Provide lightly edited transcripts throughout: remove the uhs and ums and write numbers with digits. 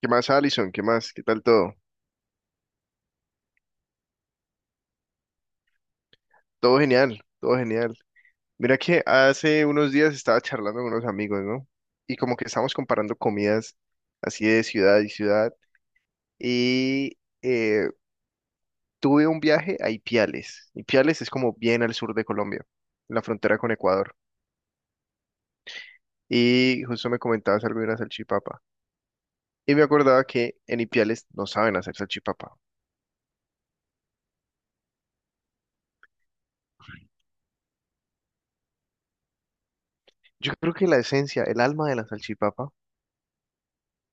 ¿Qué más, Alison? ¿Qué más? ¿Qué tal todo? Todo genial, todo genial. Mira que hace unos días estaba charlando con unos amigos, ¿no? Y como que estábamos comparando comidas así de ciudad y ciudad. Y eh, Tuve un viaje a Ipiales. Ipiales es como bien al sur de Colombia, en la frontera con Ecuador. Y justo me comentabas algo de una salchipapa. Y me acordaba que en Ipiales no saben hacer salchipapa. Yo creo que la esencia, el alma de la salchipapa,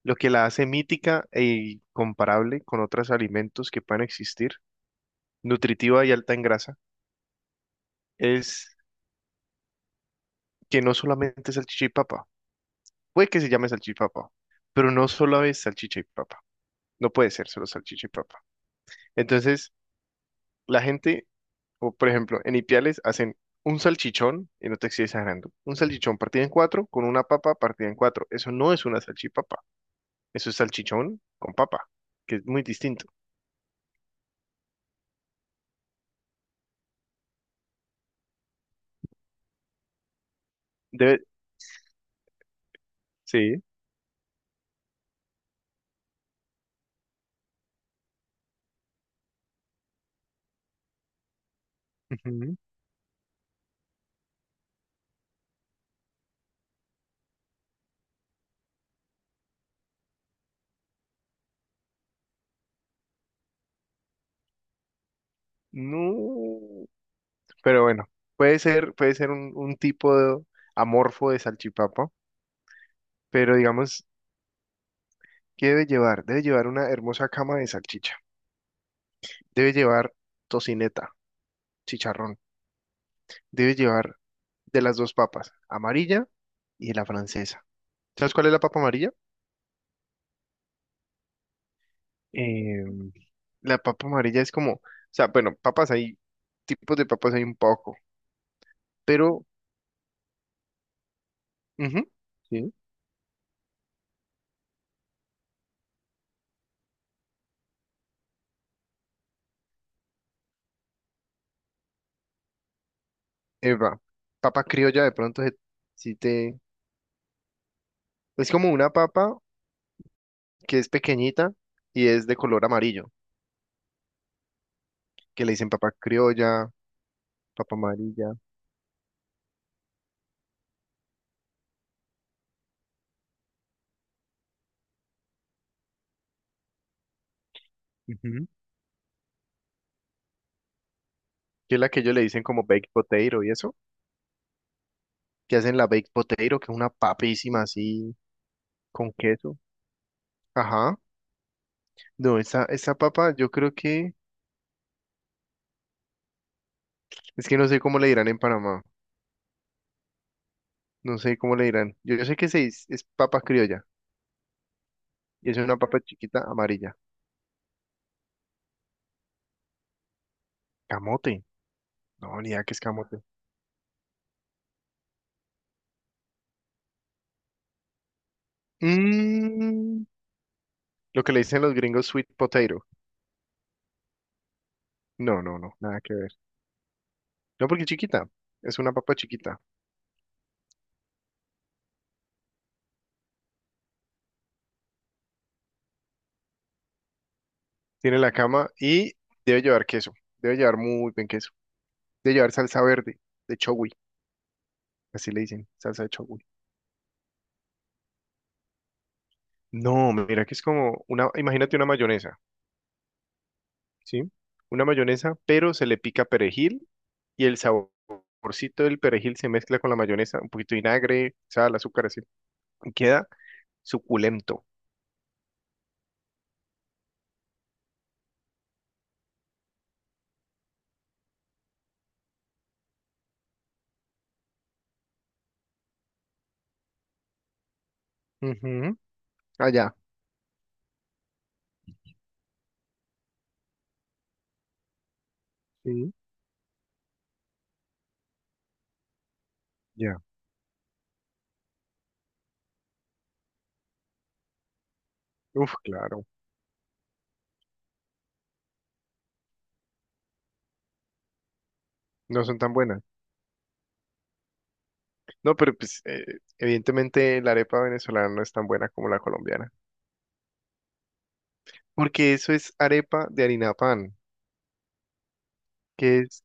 lo que la hace mítica e comparable con otros alimentos que puedan existir, nutritiva y alta en grasa, es que no solamente es salchicha y papa, puede que se llame salchicha y papa, pero no solo es salchicha y papa, no puede ser solo salchicha y papa. Entonces, la gente, o por ejemplo, en Ipiales hacen un salchichón, y no te estoy exagerando, un salchichón partido en cuatro con una papa partida en cuatro, eso no es una salchipapa, eso es salchichón con papa, que es muy distinto. Debe, sí. Ujú. No. Pero bueno, puede ser un tipo de amorfo de salchipapa, pero digamos, ¿qué debe llevar? Debe llevar una hermosa cama de salchicha, debe llevar tocineta, chicharrón, debe llevar de las dos papas, amarilla y la francesa. ¿Sabes cuál es la papa amarilla? Eh, la papa amarilla es como, o sea, bueno, papas hay, tipos de papas hay un poco, pero, ujú, sí. Eva, papa criolla de pronto si te... Es como una papa que es pequeñita y es de color amarillo, que le dicen papa criolla, papa amarilla, ujú, que es la que ellos le dicen como baked potato y eso, que hacen la baked potato, que es una papísima así con queso. Ajá. No, esa papa yo creo que, es que no sé cómo le dirán en Panamá, no sé cómo le dirán. Yo sé que es papa criolla y es una papa chiquita amarilla. Camote. No, ni idea qué es camote. Mm, lo que le dicen los gringos sweet potato. No, no, no, nada que ver. No, porque es chiquita. Es una papa chiquita. Tiene la cama y debe llevar queso. Debe llevar muy buen queso. Debe llevar salsa verde de chogui. Así le dicen, salsa de chogui. No, mira que es como una, imagínate una mayonesa, ¿sí? Una mayonesa, pero se le pica perejil y el saborcito del perejil se mezcla con la mayonesa, un poquito de vinagre, sal, azúcar, así. Y queda suculento. Ujú. Allá. Sí. Ya. Uf, claro. No son tan buenas. No, pero pues evidentemente la arepa venezolana no es tan buena como la colombiana, porque eso es arepa de harina de pan, que es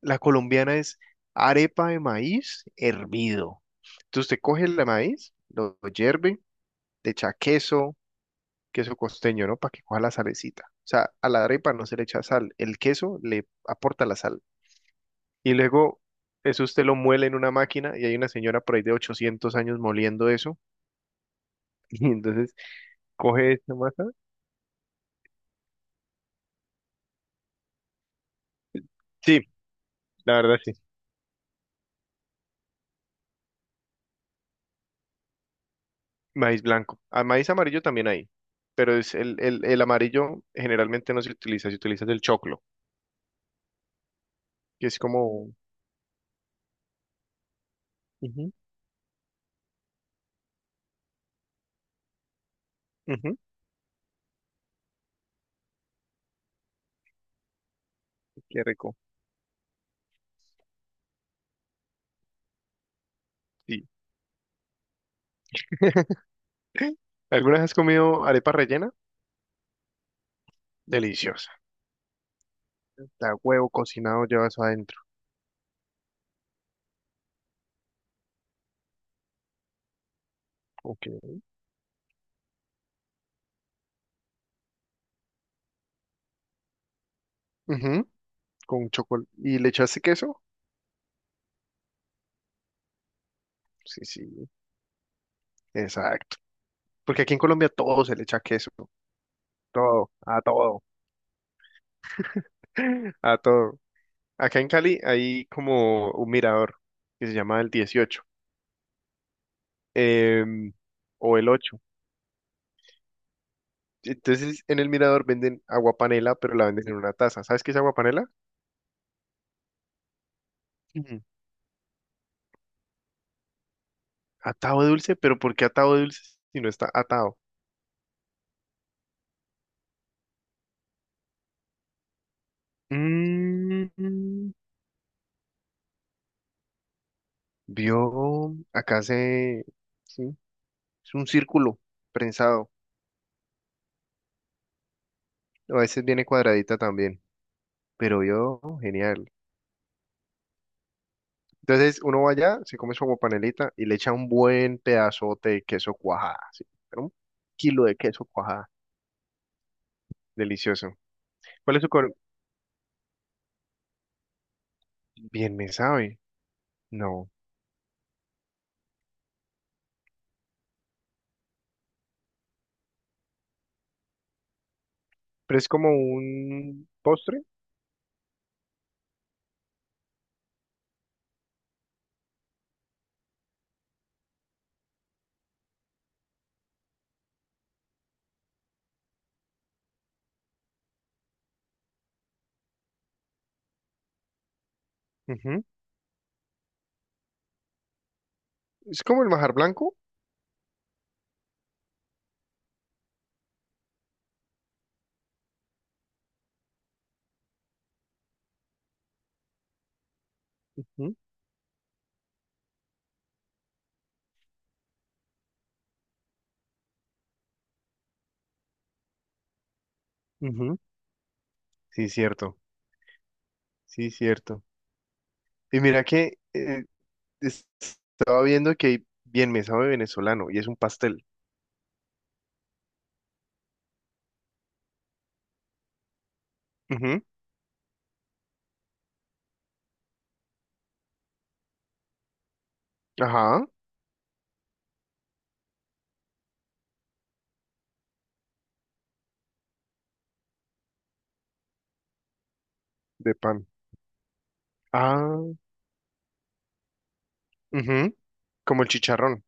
la colombiana es arepa de maíz hervido. Entonces usted coge el maíz, lo hierve, le echa queso, queso costeño, ¿no? Para que coja la salecita. O sea, a la arepa no se le echa sal, el queso le aporta la sal. Y luego eso usted lo muele en una máquina y hay una señora por ahí de 800 años moliendo eso. Y entonces coge esta masa. Sí, la verdad sí. Maíz blanco. Ah, maíz amarillo también hay, pero es el amarillo generalmente no se utiliza, se utiliza el choclo, que es como... Ujú, ujú. Qué rico. Sí. ¿Alguna vez has comido arepa rellena? Deliciosa. La huevo cocinado llevas adentro. Ok. Ujú. Con chocolate. ¿Y le echaste queso? Sí, sí, exacto. Porque aquí en Colombia todo se le echa queso. Todo, a todo, a todo. Acá en Cali hay como un mirador que se llama el 18, em, o el 8. Entonces, en el Mirador venden agua panela, pero la venden en una taza. ¿Sabes qué es agua panela? Ujú. Atado de dulce, pero ¿por qué atado de dulce si no está atado? Mm, vio, acá se, sí, es un círculo prensado. A veces viene cuadradita también, pero vio, genial. Entonces uno va allá, se come su aguapanelita y le echa un buen pedazote de queso cuajada, sí, pero 1 kilo de queso cuajada, delicioso. ¿Cuál es tu, co- Bien me sabe. No. Pero es como un postre. Ujú. Es como el majar blanco. Ujú, ujú. Sí, cierto. Sí, cierto. Y mira que es- estaba viendo que hay bien me sabe venezolano y es un pastel. Ujú. Ajá. De pan. Ah. Ujú. Como el chicharrón.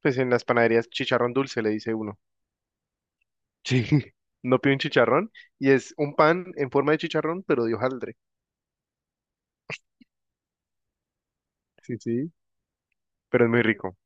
Pues en las panaderías chicharrón dulce le dice uno. Sí. No, pide un chicharrón y es un pan en forma de chicharrón, pero de hojaldre. Sí, sí. Pero es muy rico.